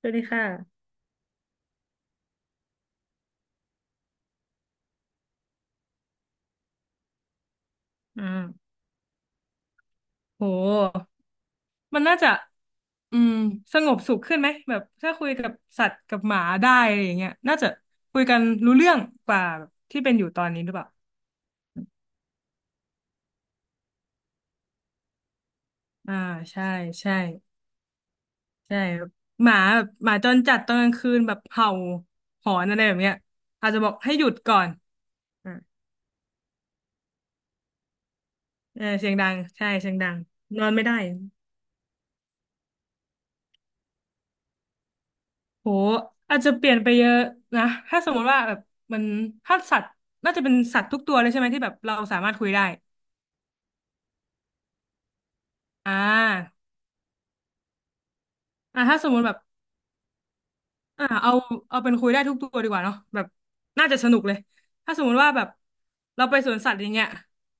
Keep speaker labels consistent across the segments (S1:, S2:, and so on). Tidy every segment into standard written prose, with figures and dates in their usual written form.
S1: สวัสดีค่ะอืาโหมันน่าจะอืมสงบสุขขึ้นไหมแบบถ้าคุยกับสัตว์กับหมาได้อะไรอย่างเงี้ยน่าจะคุยกันรู้เรื่องกว่าแบบที่เป็นอยู่ตอนนี้หรือเปล่าอ่าใช่ใช่ใช่แบบหมาจรจัดตอนกลางคืนแบบเห่าหอนอะไรแบบเนี้ยอาจจะบอกให้หยุดก่อนอ่าเออเสียงดังใช่เสียงดังนอนไม่ได้โหอาจจะเปลี่ยนไปเยอะนะถ้าสมมติว่าแบบมันถ้าสัตว์น่าจะเป็นสัตว์ทุกตัวเลยใช่ไหมที่แบบเราสามารถคุยได้ อ่าถ้าสมมุติแบบอ่าเอาเอาเป็นคุยได้ทุกตัวดีกว่าเนาะแบบน่าจะสนุกเลยถ้าสมมุติว่าแบบเราไปสวนสัตว์อย่างเงี้ย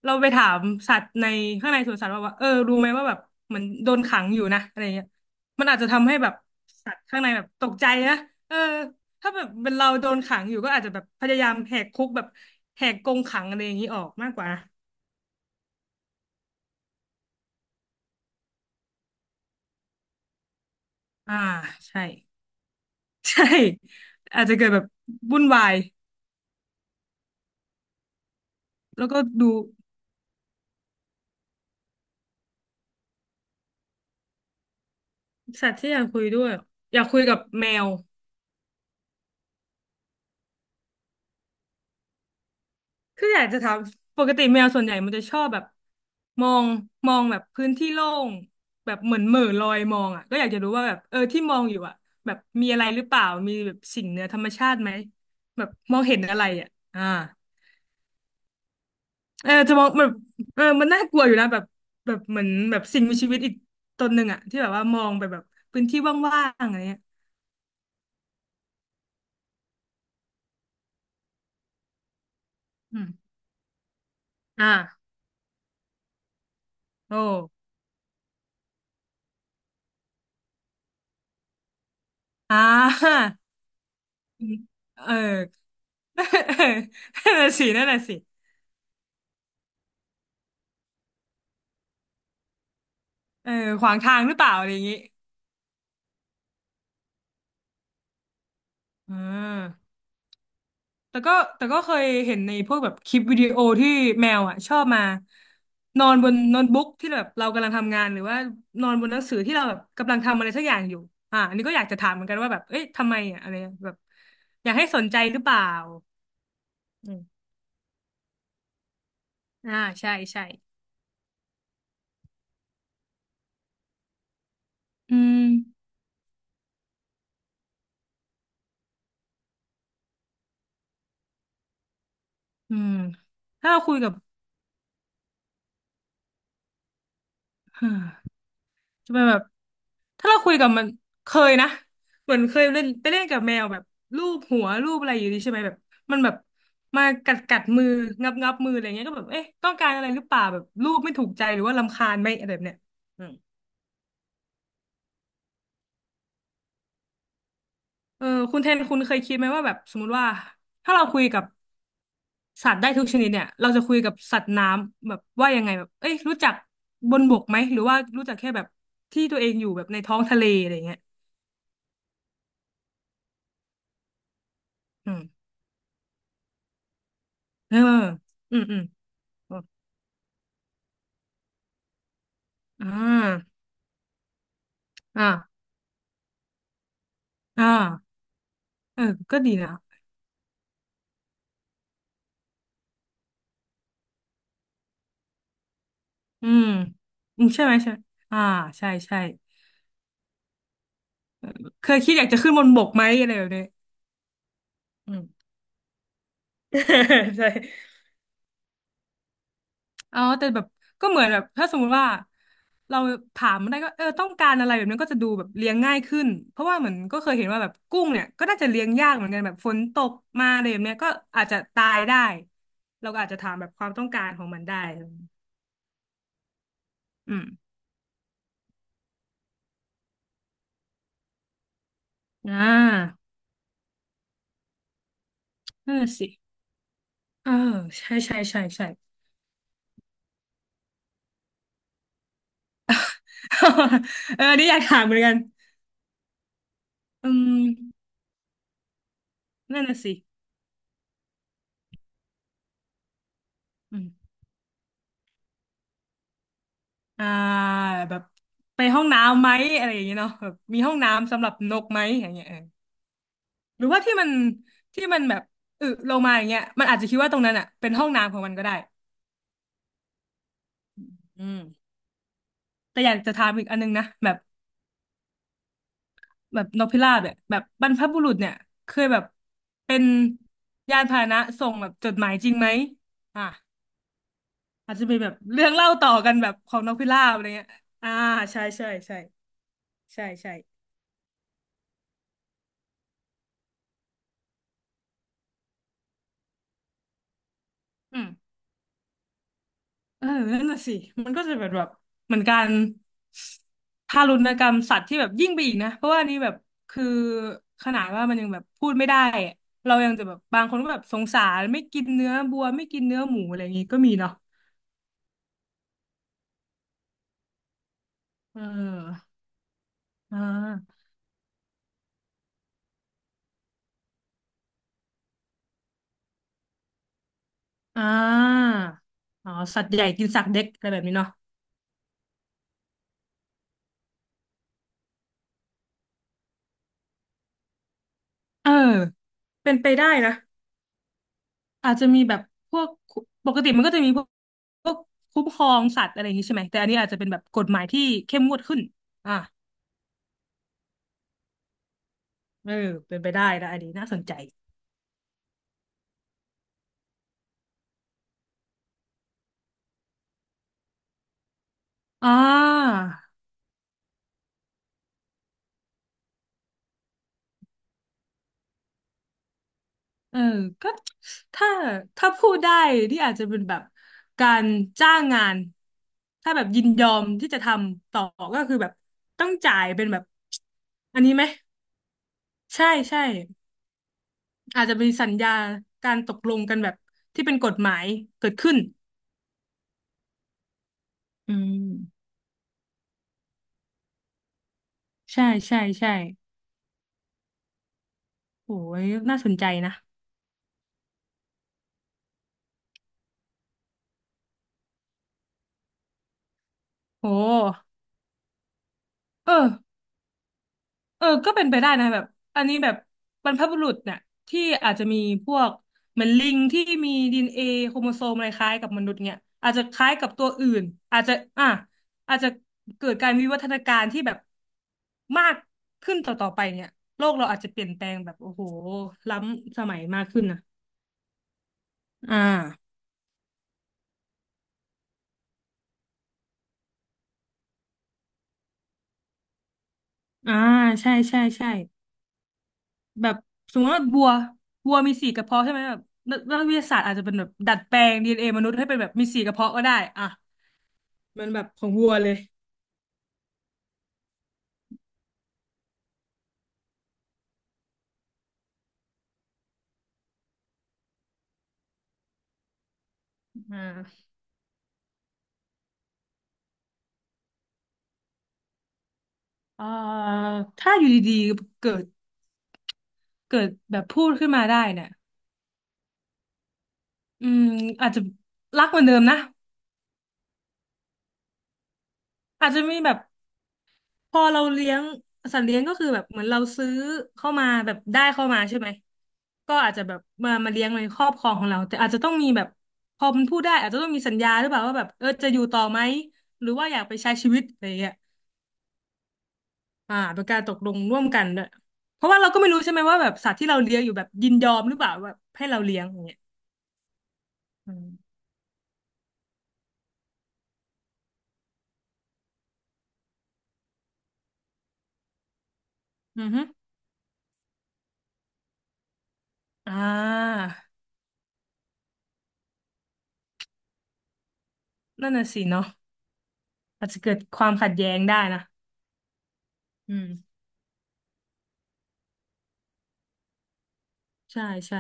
S1: เราไปถามสัตว์ในข้างในสวนสัตว์ว่าเออรู้ไหมว่าแบบเหมือนโดนขังอยู่นะอะไรเงี้ยมันอาจจะทำให้แบบสัตว์ข้างในแบบตกใจนะเออถ้าแบบเป็นเราโดนขังอยู่ก็อาจจะแบบพยายามแหกคุกแบบแหกกรงขังอะไรอย่างนี้ออกมากกว่านะอ่าใช่ ใช่อาจจะเกิดแบบวุ่นวายแล้วก็ดู สัตว์ที่อยากคุยด้วยอยากคุยกับแมวคืออยากจะถามปกติแมวส่วนใหญ่มันจะชอบแบบมองมองแบบพื้นที่โล่งแบบเหมือนเหม่อลอยมองอ่ะก็อยากจะรู้ว่าแบบเออที่มองอยู่อ่ะแบบมีอะไรหรือเปล่ามีแบบสิ่งเหนือธรรมชาติไหมแบบมองเห็นอะไรอ่ะอ่าเออจะมองแบบเออมันน่ากลัวอยู่นะแบบเหมือนแบบสิ่งมีชีวิตอีกตนหนึ่งอ่ะที่แบบว่ามองไปแบบพื้นที่ว่างๆอะไรเงี้ยอืมอ่าโอ้อ่า เออ นั่นน่ะสินั่นน่ะสิเออขวางทางหรือเปล่าอะไรอย่างงี้อ่าแต่ก็แต่ก็เคยเห็นในพวกแบบคลิปวิดีโอที่แมวอ่ะชอบมานอนบนโน้ตบุ๊กที่แบบเรากำลังทำงานหรือว่านอนบนหนังสือที่เราแบบกำลังทำอะไรสักอย่างอยู่อันนี้ก็อยากจะถามเหมือนกันว่าแบบเอ้ยทำไมอ่ะอะไรแบบอยากให้สนใจหรือเปล่าอืมอ่าใช่ใช่อืมอืมถ้าเราคุยกับ จะเป็นแบบถ้าเราคุยกับมันเคยนะเหมือนเคยเล่นไปเล่นกับแมวแบบลูบหัวลูบอะไรอยู่ดีใช่ไหมแบบมันแบบมากัดมืองับงับมืออะไรเงี้ยก็แบบเอ๊ะต้องการอะไรหรือเปล่าแบบลูบไม่ถูกใจหรือว่ารำคาญไหมอะไรแบบเนี้ยอืมเออคุณแทนคุณเคยคิดไหมว่าแบบสมมติว่าถ้าเราคุยกับสัตว์ได้ทุกชนิดเนี่ยเราจะคุยกับสัตว์น้ำแบบว่ายังไงแบบเอ้ยรู้จักบนบกไหมหรือว่ารู้จักแค่แบบที่ตัวเองอยู่แบบในท้องทะเลอะไรเงี้ยอืมเอออืมอืม อ่าอ่าอ่าเออก็ดีนะอืมอืมใช่ไหมใช่ไหมอ่าใช่ใช่เคยคิดอยากจะขึ้นบนบกไหมอะไรแบบนี้อืม ใช่อ๋อแต่แบบก็เหมือนแบบถ้าสมมุติว่าเราถามมันได้ก็เออต้องการอะไรแบบนั้นก็จะดูแบบเลี้ยงง่ายขึ้นเพราะว่าเหมือนก็เคยเห็นว่าแบบกุ้งเนี่ยก็น่าจะเลี้ยงยากเหมือนกันแบบฝนตกมาอะไรแบบเนี้ยก็อาจจะตายได้เราก็อาจจะถามแบบความต้องการของมันได้อืมอ่านั่นน่ะสิเออใช่ใช่ใช่ใช่ เออนี่อยากถามเหมือนกันอืมนั่นน่ะสิอืมอ่าแบบไปห้องน้ำไหมอะไรอย่างเงี้ยเนาะแบบมีห้องน้ำสำหรับนกไหมอย่างเงี้ยเออหรือว่าที่มันแบบอึลงมาอย่างเงี้ยมันอาจจะคิดว่าตรงนั้นอ่ะเป็นห้องน้ำของมันก็ได้อืมแต่อยากจะถามอีกอันนึงนะแบบแบบนกพิราบเนี่ยแบบบรรพบุรุษเนี่ยเคยแบบเป็นยานพาหนะส่งแบบจดหมายจริงไหมอ่ะ อาจจะเป็นแบบเรื่องเล่าต่อกันแบบของนกพิราบอะไรเงี้ยอ่าใช่ใช่ใช่ใช่ใช่อืมเออนั่นน่ะสิมันก็จะแบบเหมือนการทารุณกรรมสัตว์ที่แบบยิ่งไปอีกนะเพราะว่าอันนี่แบบคือขนาดว่ามันยังแบบพูดไม่ได้อะเรายังจะแบบบางคนก็แบบสงสารไม่กินเนื้อบัวไม่กินเนื้อหมูอะไรอย่างงี้ก็มีเนาะเอออ่าอ่าอ๋อสัตว์ใหญ่กินสัตว์เล็กอะไรแบบนี้เนาะเออเป็นไปได้นะ อาจจะมีแบบพวกปกติมันก็จะมีพวกพวกคุ้มครองสัตว์อะไรอย่างนี้ใช่ไหมแต่อันนี้อาจจะเป็นแบบกฎหมายที่เข้มงวดขึ้นอ่าเออเป็นไปได้นะอันนี้น่าสนใจอ่าเออก็ถ้าถ้าพูดได้นี่อาจจะเป็นแบบการจ้างงานถ้าแบบยินยอมที่จะทำต่อก็คือแบบต้องจ่ายเป็นแบบอันนี้ไหมใช่ใช่อาจจะมีสัญญาการตกลงกันแบบที่เป็นกฎหมายเกิดขึ้นอืม ใช่ใช่ใช่โอ้ยน่าสนใจนะโอ้เออก็เป็นไปได้นะแบบอันนี้แบบบรรพบุรุษเนี่ยที่อาจจะมีพวกเหมือนลิงที่มีดีเอ็นเอโครโมโซมอะไรคล้ายกับมนุษย์เนี่ยอาจจะคล้ายกับตัวอื่นอาจจะอ่ะอาจจะเกิดการวิวัฒนาการที่แบบมากขึ้นต่อไปเนี่ยโลกเราอาจจะเปลี่ยนแปลงแบบโอ้โหล้ำสมัยมากขึ้นนะอ่าอ่า ใช่ใช่ใช่ แบบสมมติว่าบัวบัวมีสี่กระเพาะใช่ไหมแบบนักวิทยาศาสตร์อาจจะเป็นแบบดัดแปลงดีเอ็นเอมนุษย์ให้เป็นแบบมีสี่กระเพาะก็ได้อ่ะมันแบบของวัวเลยอ่าเอ่อถ้าอยู่ดีๆเกิดแบบพูดขึ้นมาได้เนี่ยอืมอาจจะรักเหมือนเดิมนะอาจจะมีแบบ พอเราเลี้ยงสัตว์เลี้ยงก็คือแบบเหมือนเราซื้อเข้ามาแบบได้เข้ามาใช่ไหมก็อาจจะแบบมาเลี้ยงในครอบครองของเราแต่อาจจะต้องมีแบบพอมันพูดได้อาจจะต้องมีสัญญาหรือเปล่าว่าแบบเออจะอยู่ต่อไหมหรือว่าอยากไปใช้ชีวิตอะไรอย่างเงี้ยเป็นการตกลงร่วมกันด้วยเพราะว่าเราก็ไม่รู้ใช่ไหมว่าแบบสัตว์ที่เราเลี้ยงอยู่แบบยินยอมหรือเปล่าแบบให้เราเลี้ยงอย่างเงี้ยอือฮึอ่านั่นน่ะสิเนาะอาจจะเกิดความขัดแย้งได้นะอืมใช่ใช่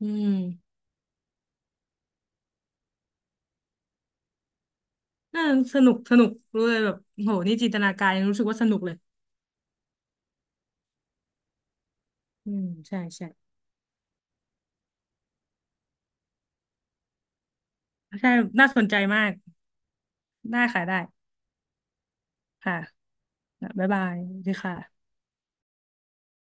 S1: อืม น่าสนุกสนุกรู้เลยแบบโหนี่จินตนาการยังรู้สึกว่าสนุกเลยอืมใช่ใช่ใช่น่าสนใจมากได้ค่ะได้ค่ะบ๊ายบายดีค่ะ